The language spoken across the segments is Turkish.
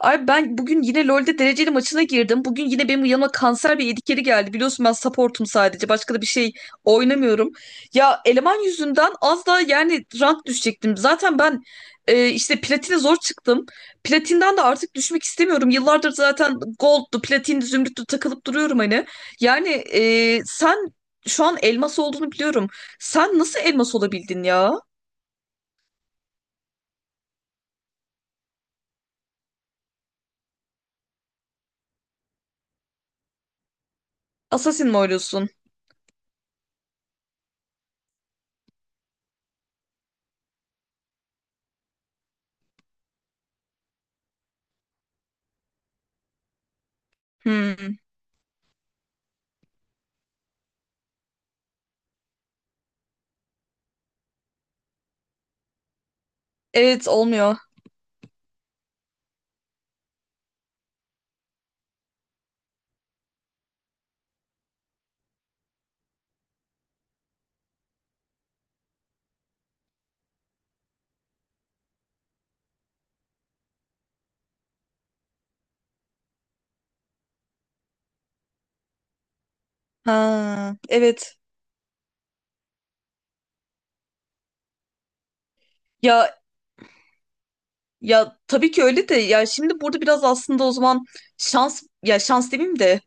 Ay ben bugün yine LoL'de dereceli maçına girdim. Bugün yine benim yanıma kanser bir edikeri geldi. Biliyorsun ben supportum sadece. Başka da bir şey oynamıyorum. Ya eleman yüzünden az daha yani rank düşecektim. Zaten ben işte platine zor çıktım. Platinden de artık düşmek istemiyorum. Yıllardır zaten gold'du, platin, zümrüttü takılıp duruyorum hani. Yani sen şu an elmas olduğunu biliyorum. Sen nasıl elmas olabildin ya? Assassin mi oynuyorsun? Hmm. Evet, olmuyor. Ha, evet. Ya Ya tabii ki öyle de ya, şimdi burada biraz aslında o zaman şans, ya şans demeyeyim de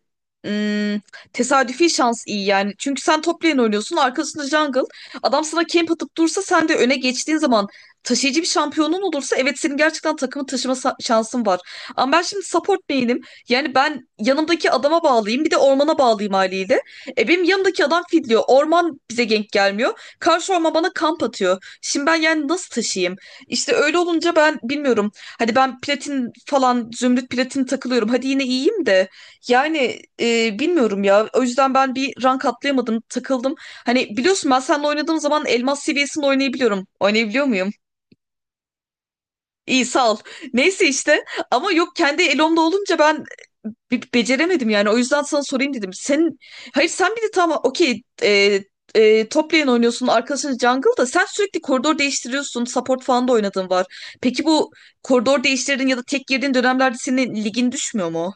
ım, tesadüfi şans iyi yani. Çünkü sen top lane oynuyorsun, arkasında jungle adam sana camp atıp dursa, sen de öne geçtiğin zaman taşıyıcı bir şampiyonun olursa, evet, senin gerçekten takımı şansın var. Ama ben şimdi support lane'im, yani ben yanımdaki adama bağlayayım, bir de ormana bağlayayım haliyle. E benim yanımdaki adam fidliyor, orman bize gank gelmiyor, karşı orman bana kamp atıyor. Şimdi ben yani nasıl taşıyayım? İşte öyle olunca ben bilmiyorum. Hani ben platin falan, zümrüt platin takılıyorum. Hadi yine iyiyim de. Yani bilmiyorum ya. O yüzden ben bir rank atlayamadım. Takıldım. Hani biliyorsun, ben seninle oynadığım zaman elmas seviyesinde oynayabiliyorum. Oynayabiliyor muyum? İyi, sağ ol. Neyse işte. Ama yok, kendi elomda olunca ben beceremedim yani. O yüzden sana sorayım dedim. Sen hayır, sen bir de tamam, okey, top lane oynuyorsun, arkadaşın jungle, da sen sürekli koridor değiştiriyorsun. Support falan da oynadığın var. Peki bu koridor değiştirdiğin ya da tek girdiğin dönemlerde senin ligin düşmüyor mu?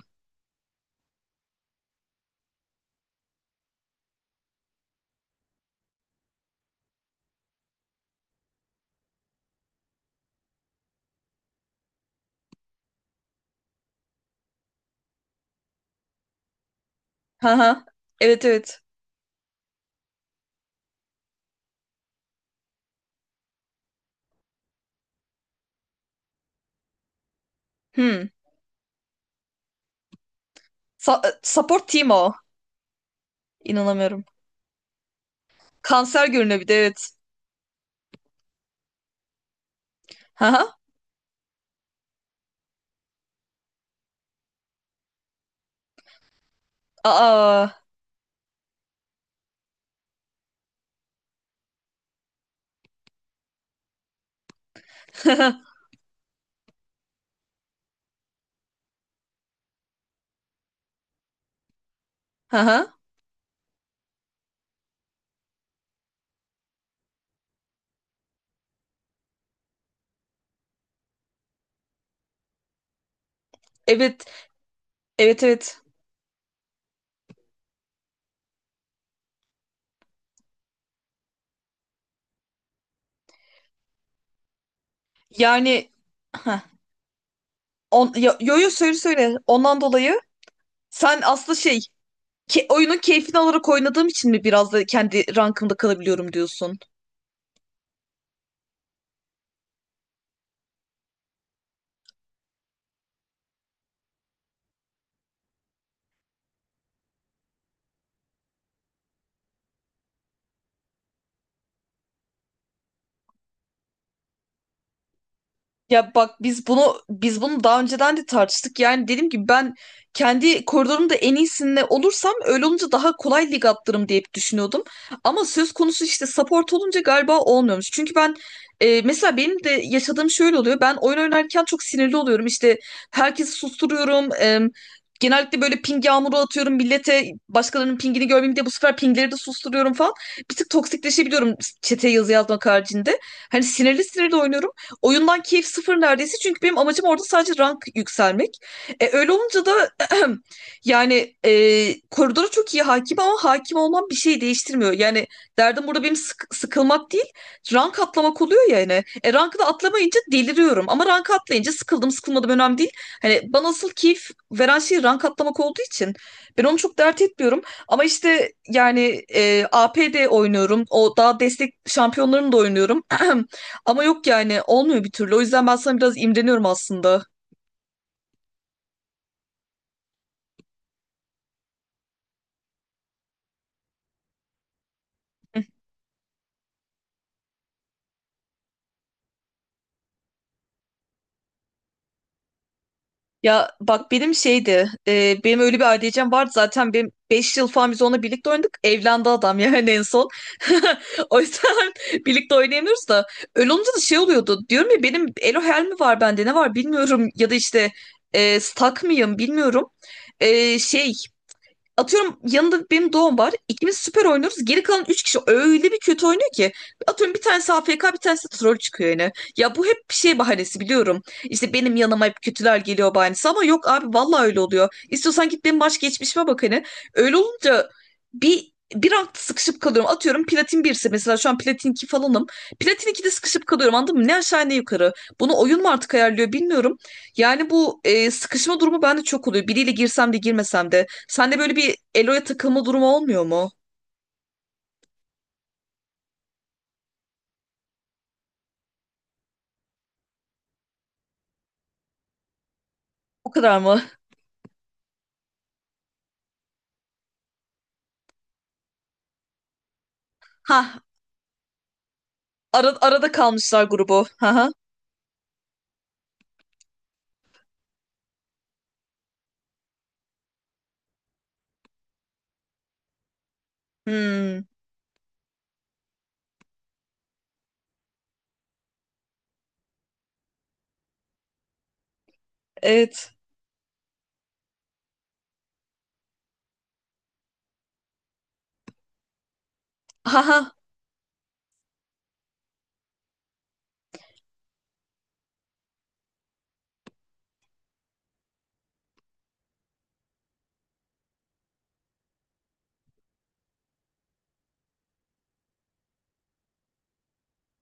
Hı hı. Evet, evet. Hmm. Support team o. İnanamıyorum. Kanser görünüyor bir de, evet. Hı hı. Aa. Hı hı. Evet. Evet, evet. Yani. Heh. On, yo, yo yo, söyle söyle. Ondan dolayı sen aslı oyunun keyfini alarak oynadığım için mi biraz da kendi rankımda kalabiliyorum diyorsun? Ya bak, biz bunu daha önceden de tartıştık. Yani dedim ki ben kendi koridorumda en iyisinde olursam, öyle olunca daha kolay lig atlarım diye hep düşünüyordum. Ama söz konusu işte support olunca galiba olmuyormuş. Çünkü ben mesela benim de yaşadığım şöyle oluyor. Ben oyun oynarken çok sinirli oluyorum. İşte herkesi susturuyorum. Genellikle böyle ping yağmuru atıyorum millete. Başkalarının pingini görmeyeyim diye bu sefer pingleri de susturuyorum falan. Bir tık toksikleşebiliyorum çeteye yazı yazmak haricinde. Hani sinirli sinirli oynuyorum. Oyundan keyif sıfır neredeyse, çünkü benim amacım orada sadece rank yükselmek. Öyle olunca da yani koridora çok iyi hakim, ama hakim olmam bir şey değiştirmiyor. Yani derdim burada benim sıkılmak değil, rank atlamak oluyor yani. E, rankı da atlamayınca deliriyorum, ama rank atlayınca sıkıldım sıkılmadım önemli değil. Hani bana asıl keyif veren şey rank atlamak olduğu için ben onu çok dert etmiyorum. Ama işte yani A P de oynuyorum. O daha destek şampiyonlarını da oynuyorum. Ama yok yani, olmuyor bir türlü. O yüzden ben sana biraz imreniyorum aslında. Ya bak, benim benim öyle bir ADC'm vardı zaten, benim 5 yıl falan biz onunla birlikte oynadık. Evlendi adam yani en son. O yüzden birlikte oynayamıyoruz da. Öyle olunca da şey oluyordu. Diyorum ya, benim Elo Hell mi var, bende ne var bilmiyorum. Ya da işte stuck mıyım bilmiyorum. E, şey Atıyorum, yanında benim doğum var. İkimiz süper oynuyoruz. Geri kalan üç kişi öyle bir kötü oynuyor ki. Atıyorum bir tanesi AFK, bir tanesi de troll çıkıyor yani. Ya bu hep bir şey bahanesi, biliyorum. İşte benim yanıma hep kötüler geliyor bahanesi. Ama yok abi, vallahi öyle oluyor. İstiyorsan git benim baş geçmişime bak hani. Öyle olunca bir rankta sıkışıp kalıyorum. Atıyorum platin 1 ise mesela, şu an platin 2 falanım. Platin 2'de sıkışıp kalıyorum, anladın mı? Ne aşağı ne yukarı. Bunu oyun mu artık ayarlıyor bilmiyorum. Yani bu sıkışma durumu bende çok oluyor. Biriyle girsem de girmesem de. Sende böyle bir Elo'ya takılma durumu olmuyor mu? O kadar mı? Ha, arada kalmışlar grubu. Ha ha. Hmm, evet. Ha ha.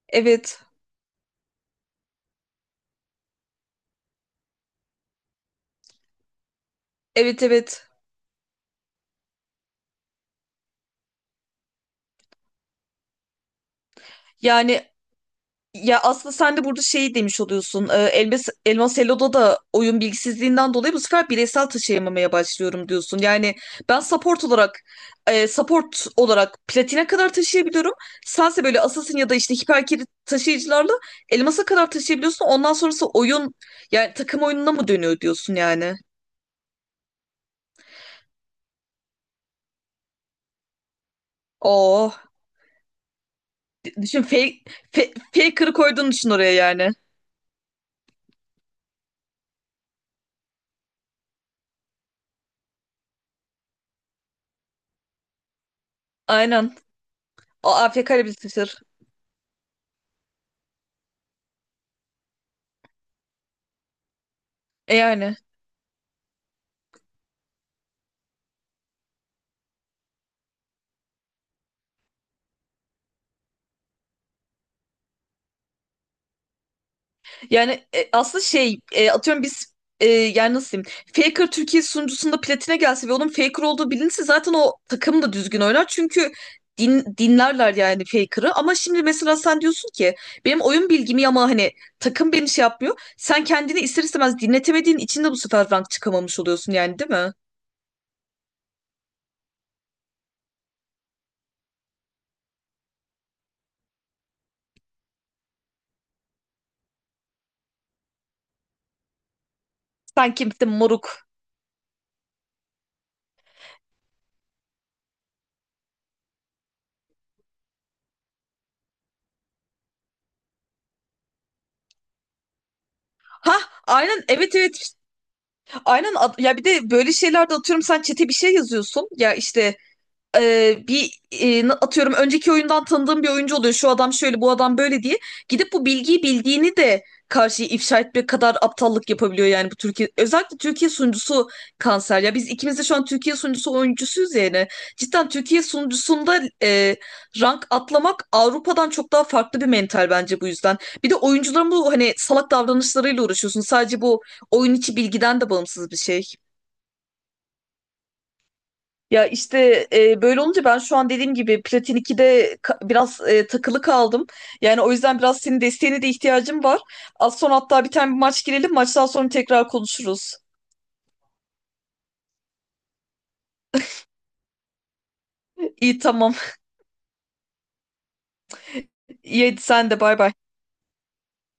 Evet. Evet, evet. Yani. Ya aslında sen de burada şey demiş oluyorsun. Elmas Elo'da da oyun bilgisizliğinden dolayı bu sefer bireysel taşıyamamaya başlıyorum diyorsun. Yani ben support olarak support olarak platine kadar taşıyabiliyorum. Sense böyle assassin ya da işte hiper carry taşıyıcılarla elmasa kadar taşıyabiliyorsun. Ondan sonrası oyun yani takım oyununa mı dönüyor diyorsun yani. Oo. Düşün faker'ı koyduğunu düşün oraya yani. Aynen. AFK ile bir taşır. E yani. Yani aslında atıyorum yani nasıl diyeyim, Faker Türkiye sunucusunda platine gelse ve onun Faker olduğu bilinse zaten o takım da düzgün oynar. Çünkü dinlerler yani Faker'ı, ama şimdi mesela sen diyorsun ki benim oyun bilgimi ama hani takım beni şey yapmıyor. Sen kendini ister istemez dinletemediğin için de bu sefer rank çıkamamış oluyorsun yani, değil mi? Sen kimsin moruk? Ha, aynen, evet evet, aynen. Ya bir de böyle şeylerde atıyorum sen çete bir şey yazıyorsun ya, işte atıyorum önceki oyundan tanıdığım bir oyuncu oluyor. Şu adam şöyle, bu adam böyle diye. Gidip bu bilgiyi bildiğini de karşıya ifşa etmek kadar aptallık yapabiliyor yani bu Türkiye. Özellikle Türkiye sunucusu kanser. Ya biz ikimiz de şu an Türkiye sunucusu oyuncusuyuz yani. Cidden Türkiye sunucusunda rank atlamak Avrupa'dan çok daha farklı bir mental bence bu yüzden. Bir de oyuncuların bu hani salak davranışlarıyla uğraşıyorsun. Sadece bu oyun içi bilgiden de bağımsız bir şey. Ya işte böyle olunca ben şu an dediğim gibi Platin 2'de biraz takılı kaldım. Yani o yüzden biraz senin desteğine de ihtiyacım var. Az sonra hatta bir tane bir maç girelim. Maçtan sonra tekrar konuşuruz. İyi, tamam. İyi, hadi sen de, bay bay.